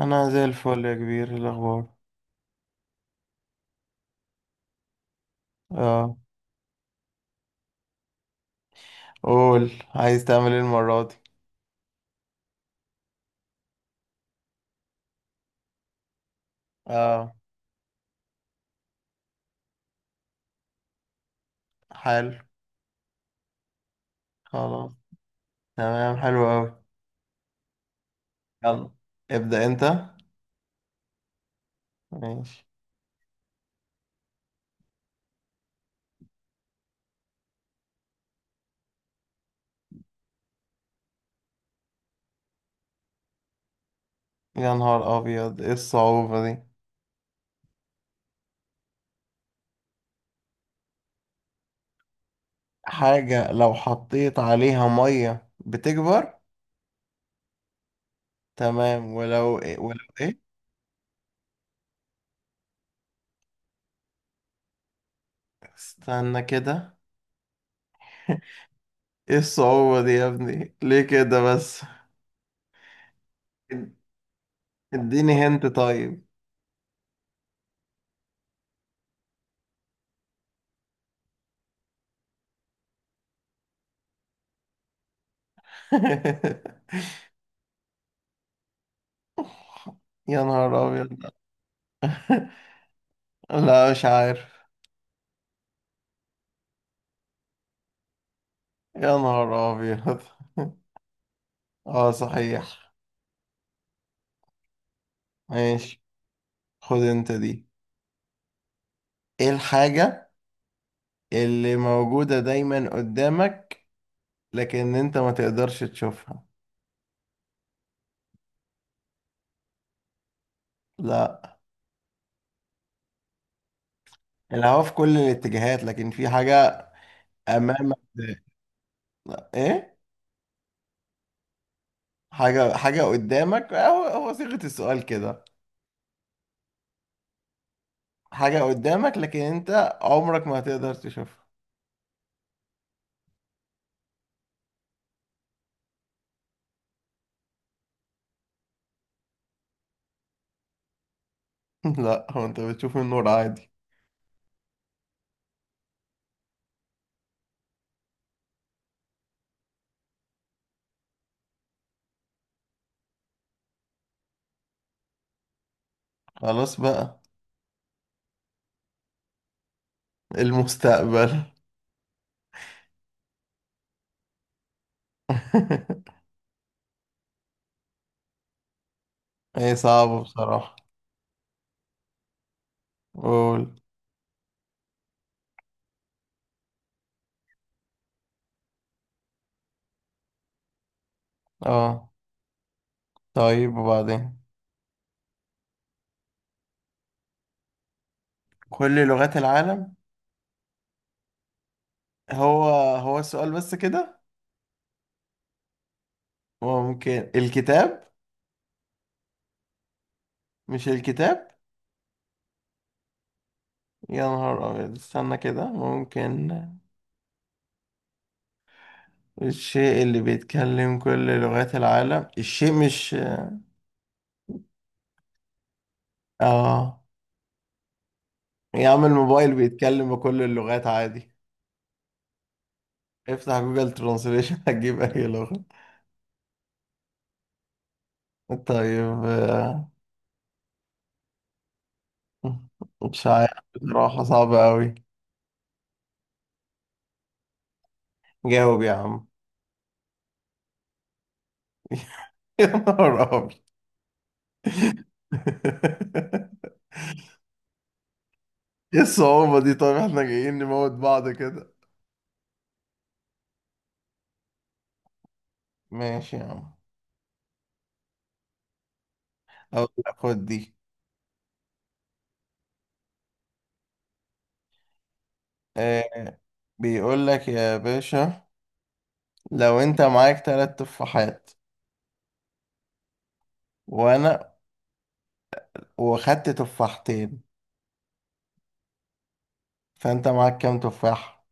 انا زي الفل يا كبير، إيه الاخبار؟ اه، قول عايز تعمل ايه المره دي؟ اه. حلو. خلاص. تمام، حلو قوي. يلا، ابدا انت. ماشي. يا نهار ابيض، ايه الصعوبه دي؟ حاجه لو حطيت عليها ميه بتكبر. تمام، ولو إيه؟ ولو ايه؟ استنى كده. ايه الصعوبه دي يا ابني؟ ليه كده بس؟ إد- اديني هنت طيب. يا نهار ابيض. لا، مش عارف. يا نهار أبيض. اه صحيح. ماشي. خد انت دي. ايه الحاجة اللي موجودة دايما قدامك لكن انت ما تقدرش تشوفها؟ لا، الهوا في كل الاتجاهات، لكن في حاجة أمامك. لا. ايه؟ حاجة، حاجة قدامك، هو هو صيغة السؤال كده. حاجة قدامك لكن انت عمرك ما هتقدر تشوفها. لا، هو انت بتشوف النور عادي. خلاص بقى. المستقبل. هي صعبة بصراحة. قول. اه، طيب وبعدين. كل لغات العالم. هو هو السؤال بس كده؟ ممكن الكتاب. مش الكتاب. يا نهار أبيض، استنى كده، ممكن. الشيء اللي بيتكلم كل لغات العالم، الشيء مش. اه، يا عم الموبايل بيتكلم بكل اللغات عادي، افتح جوجل ترانسليشن. هتجيب أي لغة. طيب، مش عارف بصراحة، صعبة أوي. جاوب يا عم. يا نهار أبيض. ايه الصعوبة دي؟ طيب احنا جايين نموت بعض كده. ماشي يا عم. اقول لك، خد دي. آه. بيقول لك يا باشا، لو انت معاك 3 تفاحات وانا، واخدت تفاحتين، فانت معاك كام تفاح؟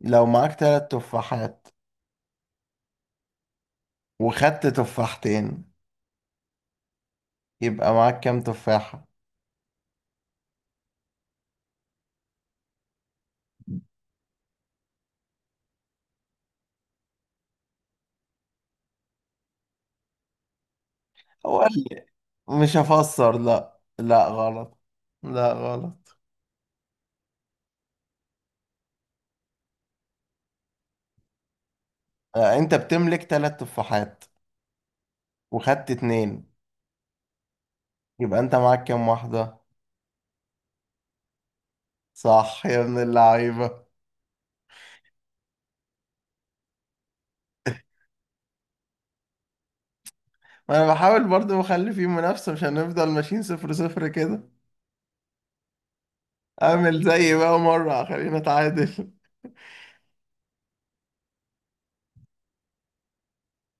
لو معاك 3 تفاحات وخدت تفاحتين، يبقى معاك كام تفاحة؟ هو قال لي، مش هفسر. لا لا، غلط. لا غلط. آه انت بتملك 3 تفاحات وخدت اتنين، يبقى انت معاك كام واحدة؟ صح يا ابن اللعيبة. ما انا بحاول برضو اخلي فيه منافسة، مش هنفضل ماشيين 0-0 كده. اعمل زي بقى مرة، خلينا اتعادل.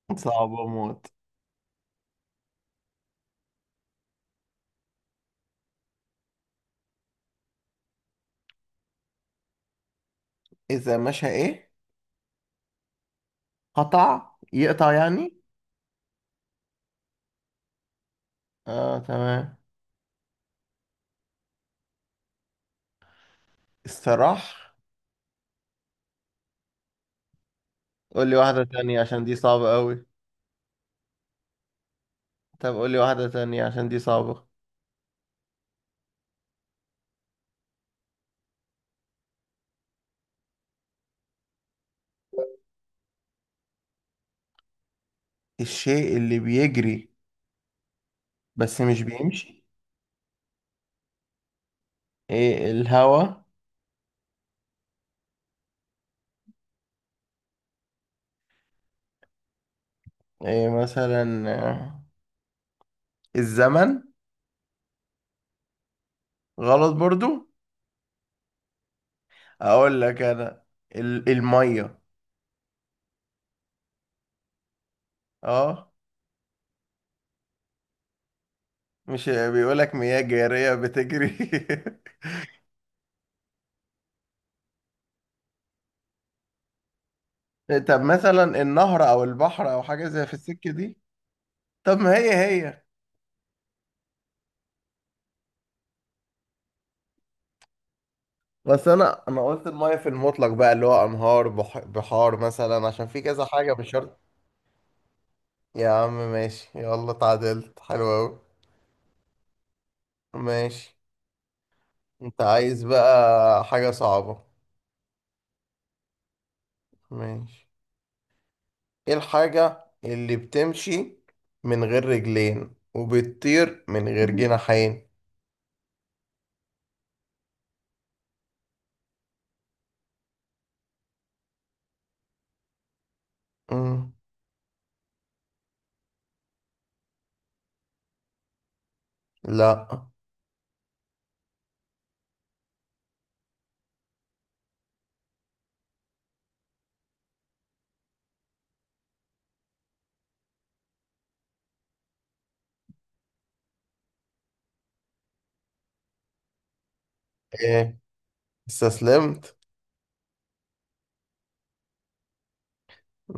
صعب اموت. اذا مشى ايه؟ قطع، يقطع يعني. اه تمام. استراح. قول لي واحدة تانية عشان دي صعبة قوي. طب قول لي واحدة تانية عشان دي صعبة. الشيء اللي بيجري بس مش بيمشي. ايه، الهوا؟ ايه مثلا، الزمن؟ غلط برضو. اقول لك انا، الميه. اه. مش بيقول لك مياه جاريه بتجري؟ طب مثلا النهر او البحر او حاجه زي في السكه دي. طب ما هي هي. بس انا قلت الميه في المطلق بقى، اللي هو انهار، بحار مثلا، عشان في كذا حاجه مش شرط. يا عم ماشي، يلا تعادلت، حلو قوي. ماشي. انت عايز بقى حاجه صعبه. ماشي. ايه الحاجة اللي بتمشي من غير رجلين وبتطير من غير جناحين؟ مم. لا. ايه؟ استسلمت.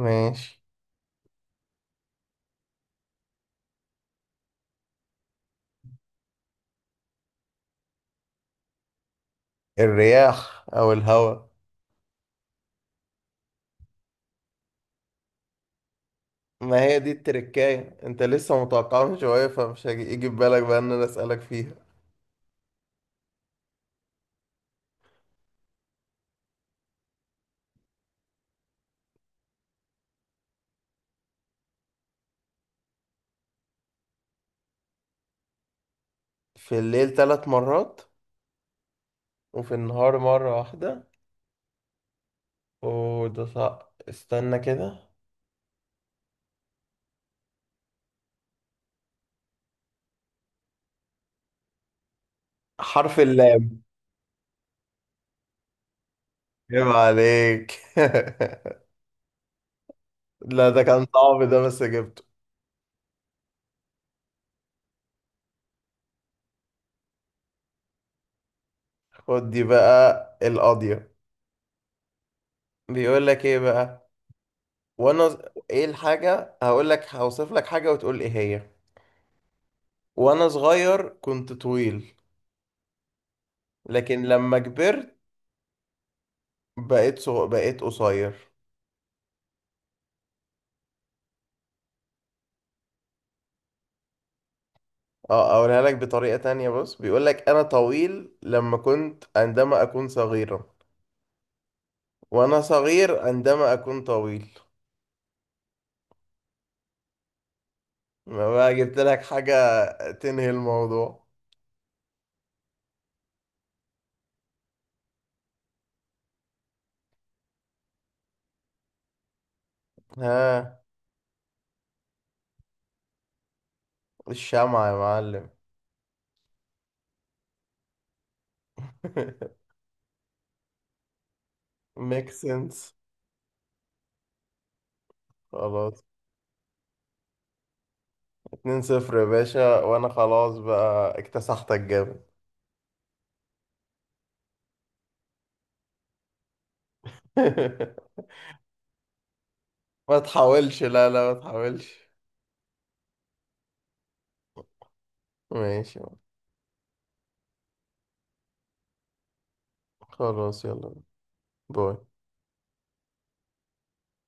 ماشي. الرياح او الهواء. ما هي دي التركاية، انت لسه متوقعها من شوية، فمش هيجي يجي في بالك بقى ان انا اسألك فيها. في الليل 3 مرات وفي النهار مرة واحدة. وده صعب، استنى كده. حرف اللام. عيب عليك. لا، ده كان صعب، ده بس جبته. خد دي بقى القاضية. بيقول لك ايه بقى. وانا ز- ايه الحاجة؟ هقول لك، هوصف لك حاجة وتقول ايه هي. وانا صغير كنت طويل، لكن لما كبرت بقيت قصير. اه، اقولها لك بطريقة تانية. بص بيقول لك انا طويل لما كنت، عندما اكون صغيرا، وانا صغير عندما اكون طويل. ما بقى جبت لك حاجة تنهي الموضوع. ها. الشمعة يا معلم. ميك سنس. خلاص. 2-0 يا باشا، وانا خلاص بقى اكتسحتك جامد. ما تحاولش، لا لا ما تحاولش. ماشي. خلاص يلا. باي.